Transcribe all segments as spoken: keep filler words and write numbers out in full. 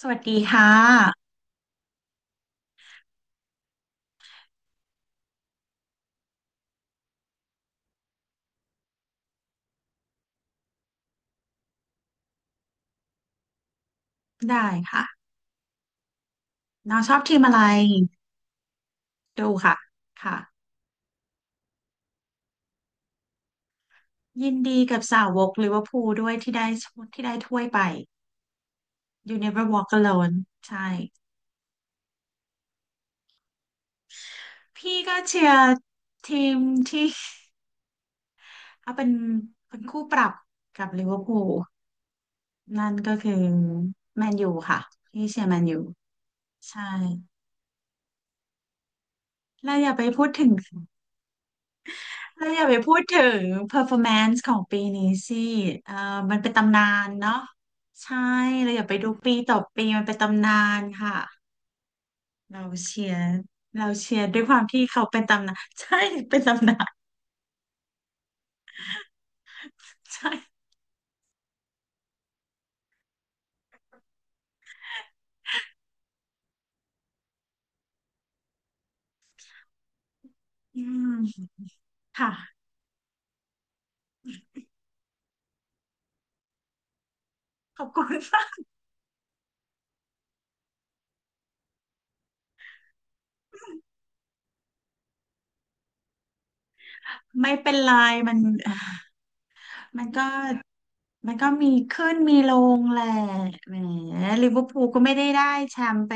สวัสดีค่ะได้ค่ะน้องชอบทีมอะไรดูค่ะค่ะยินดีกับสาวกลิเวอร์พูลด้วยที่ได้ที่ได้ถ้วยไป You Never Walk Alone ใช่พี่ก็เชียร์ทีมที่ เอาเป็นเป็นคู่ปรับกับลิเวอร์พูลนั่นก็คือแมนยูค่ะพี่เชียร์แมนยูใช่แล้วอย่าไปพูดถึง เธออย่าไปพูดถึง performance ของปีนี้สิเอ่อมันเป็นตำนานเนาะใช่เราอย่าไปดูปีต่อปีมันเป็นตำนานค่ะเราเชียร์เราเชียร์ด้วยความที่เขาเป็นตำนาน ใช่เป็นตำนานใช่อืมค่ะขอบคุณมากไม่เป็นไรมันมันก็ มันก็มีขึ้นมีลงแหละแหมลิเวอร์พูลก็ไม่ได้ได้แชมป์ไป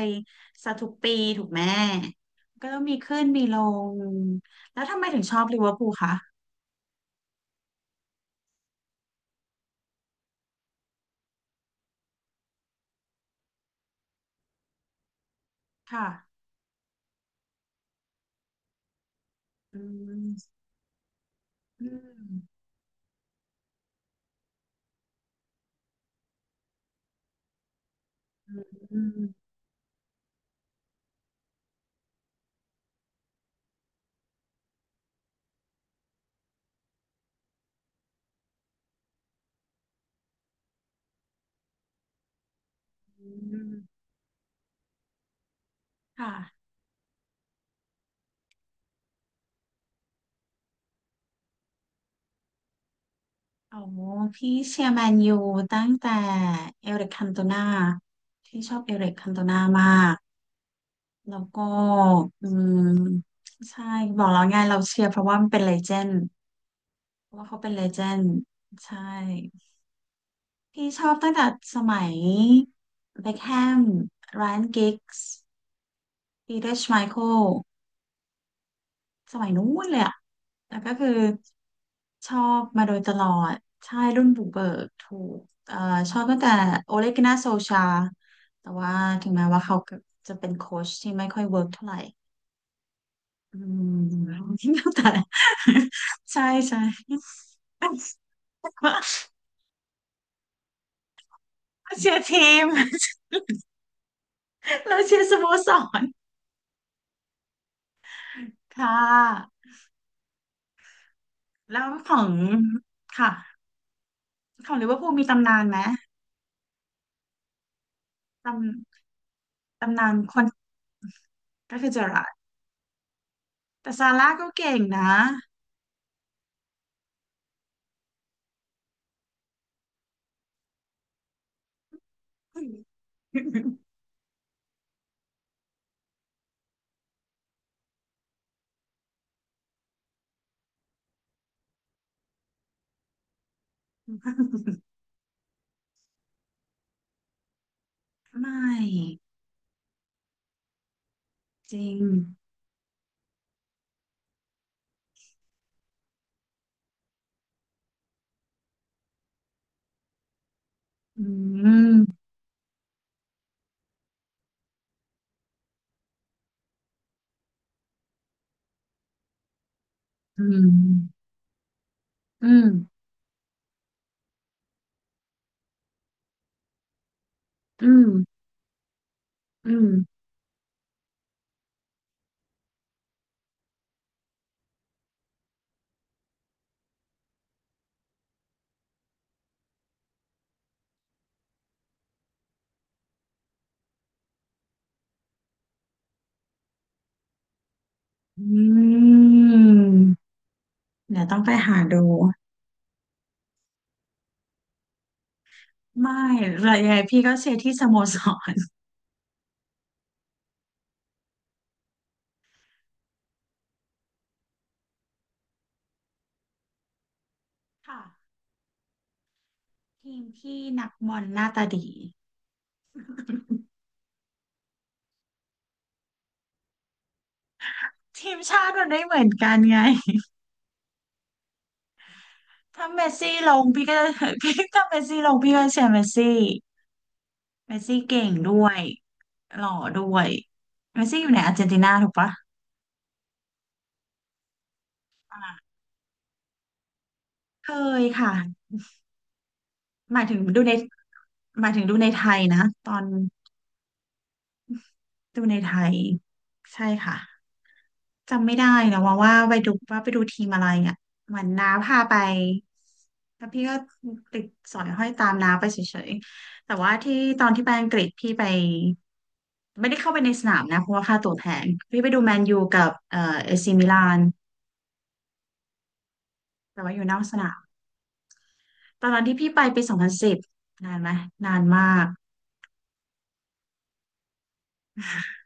ซะทุกปีถูกไหมก็ต้องมีขึ้นมีลงแล้วทำไมถึงชอบลิเวอร์พูลคะค่ะอืมอืมอืมอืมอืมค่ะโอ้พี่เชียร์แมนยูตั้งแต่เอริกคันโตนาที่ชอบเอริกคันโตนามากแล้วก็อืมใช่บอกแล้วไงเราเชียร์เพราะว่ามันเป็นเลเจนด์ เพราะว่าเขาเป็นเลเจนด์ใช่ พี่ชอบตั้งแต่สมัยเบ็คแฮมไรอันกิกส์ปีเตอร์ชไมเคิลสมัยนู้นเลยอะแต่ก็คือชอบมาโดยตลอดใช่รุ่นบุกเบิกถูกเอ่อชอบตั้งแต่โอเลกินาโซชาแต่ว่าถึงแม้ว่าเขาจะเป็นโค้ชที่ไม่ค่อยเวิร์กเท่าไหร่อืม แต่ ใช่ใช่ แต่ว่าเชียร์ทีมเราเชียร์สโมสร ค่ะแล้วของค่ะของลิเวอร์พูลมีตำนานไหมตำตำนานคนก็คือเจอราร์ดแต่ซาร่าก็เก่งนะ ไม่จริงอืมอืมอืมอืมอืมอืมเดี๋ยวต้องไปหาดูไม่ระยะพี่ก็เชียร์ที่สโมสรค่ะทีมที่นักบอลหน้าตาดี ทีมชาติมันไม่เหมือนกันไง ถ้าเมสซี่ลงพี่ก็จะ พี่ถ้าเมสซี่ลง พี่ก็จะเชียร์เมสซี่เมสซี่เก่งด้วยหล่อด้วยเมสซี่อยู่ในอาร์เจนตินาถูกปะอ่าเคยค่ะหมายถึงดูในหมายถึงดูในไทยนะตอนดูในไทยใช่ค่ะ จำไม่ได้นะว่าว่าไปดูว่าไปดูทีมอะไรอ่ะเหมือนน้าพาไปแล้วพี่ก็ติดสอยห้อยตามน้าไปเฉยๆแต่ว่าที่ตอนที่ไปอังกฤษพี่ไปไม่ได้เข้าไปในสนามนะเพราะว่าค่าตั๋วแพงพี่ไปดูแมนยูกับเอ่อเอซีมิลานแต่ว่าอยู่นอกสนามตอนนั้นที่พี่ไปปีสองพันสิบนานไหมนานมาก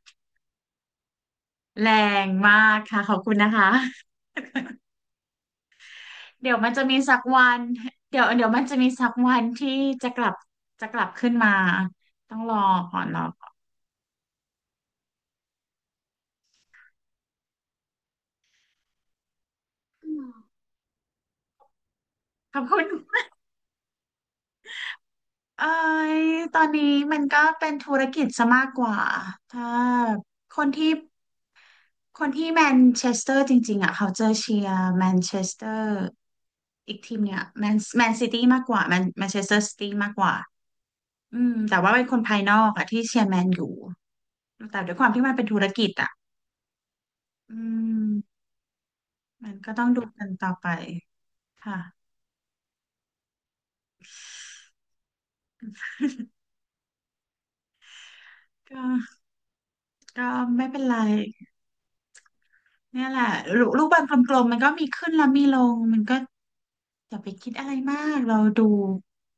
แรงมากค่ะขอบคุณนะคะ เดี๋ยวมันจะมีสักวันเดี๋ยวเดี๋ยวมันจะมีสักวันที่จะกลับจะกลับขึ้นมาต้องรอก่อนรอก่อนอืมขอบคุณเอ้ยตอนนี้มันก็เป็นธุรกิจซะมากกว่าถ้าคนที่คนที่แมนเชสเตอร์จริงๆอ่ะเขาจะเชียร์แมนเชสเตอร์อีกทีมเนี่ยแมนแมนซิตี้มากกว่าแมนแมนเชสเตอร์ซิตี้มากกว่าอืมแต่ว่าเป็นคนภายนอกอะที่เชียร์แมนอยู่แต่ด้วยความที่มันเป็นธุรกิจอะอืม มันก็ต้องดูกันต่อไปค่ะก็ก็ไม่เป็นไรเนี่ยแหละลูลูกบอลกลมๆมันก็มีขึ้นแล้วมีลงมันก็อย่าไปคิดอะไรมากเราดู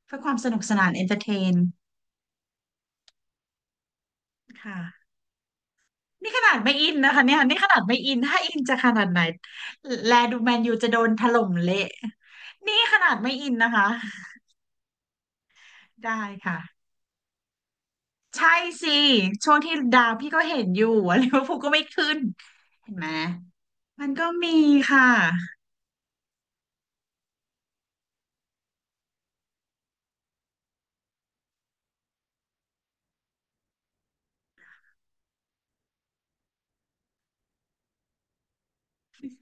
เพื่อความสนุกสนานเอนเตอร์เทนค่ะนี่ขนาดไม่อินนะคะเนี่ยนี่ขนาดไม่อินถ้าอินจะขนาดไหนแลดูแมนยูจะโดนถล่มเละนี่ขนาดไม่อินนะคะได้ค่ะใช่สิช่วงที่ดาวพี่ก็เห็นอยู่ ว่าลิเวอร์พูลก็ไม่ขึ้นเห็นไหมมันก็มีค่ะ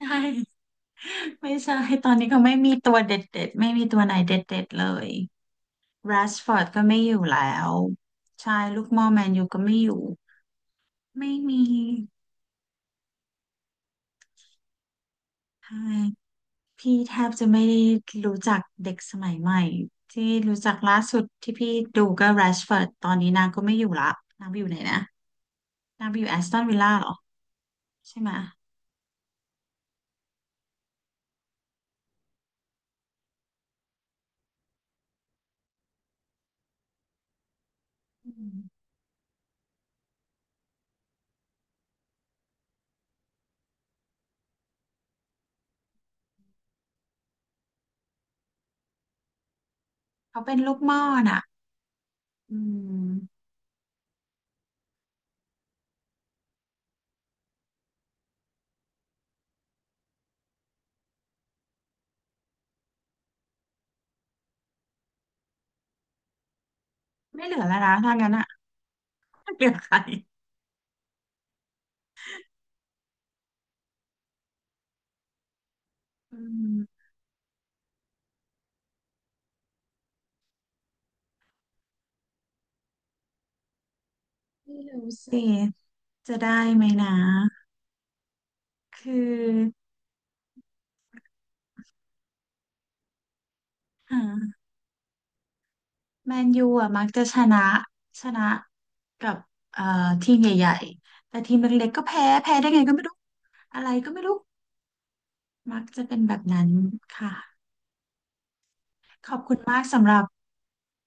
ใช่ไม่ใช่ตอนนี้ก็ไม่มีตัวเด็ดๆไม่มีตัวไหนเด็ดๆเลย r ร s ฟอร์ดก็ไม่อยู่แล้วใช่ลูกหม่อแมนยูก็ไม่อยู่ไม่มีใช่พี่แทบจะไม่ได้รู้จักเด็กสมัยใหม่ที่รู้จักล่าสุดที่พี่ดูก็ r ร s ฟอร์ดตอนนี้นางก็ไม่อยู่ละนางไปอยู่ไหนนะนางไปอยู่แอสตันวิลล่าเหรอใช่ไหมอืมเขาเป็นลูกหม่อน่ะอืมไม่เหลือแล้วนะถ้างั้นอ่ะ เหลือใครอืม ไม่รู้สิจะได้ไหมนะคือฮะแมนยูอ่ะมักจะชนะชนะกับเอ่อทีมใหญ่ๆแต่ทีมเล็กๆก็แพ้แพ้ได้ไงก็ไม่รู้อะไรก็ไม่รู้มักจะเป็นแบบนั้นค่ะขอบคุณมากสำหรับ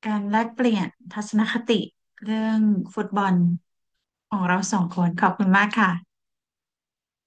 การแลกเปลี่ยนทัศนคติเรื่องฟุตบอลของเราสองคนขอบคุณมากค่ะ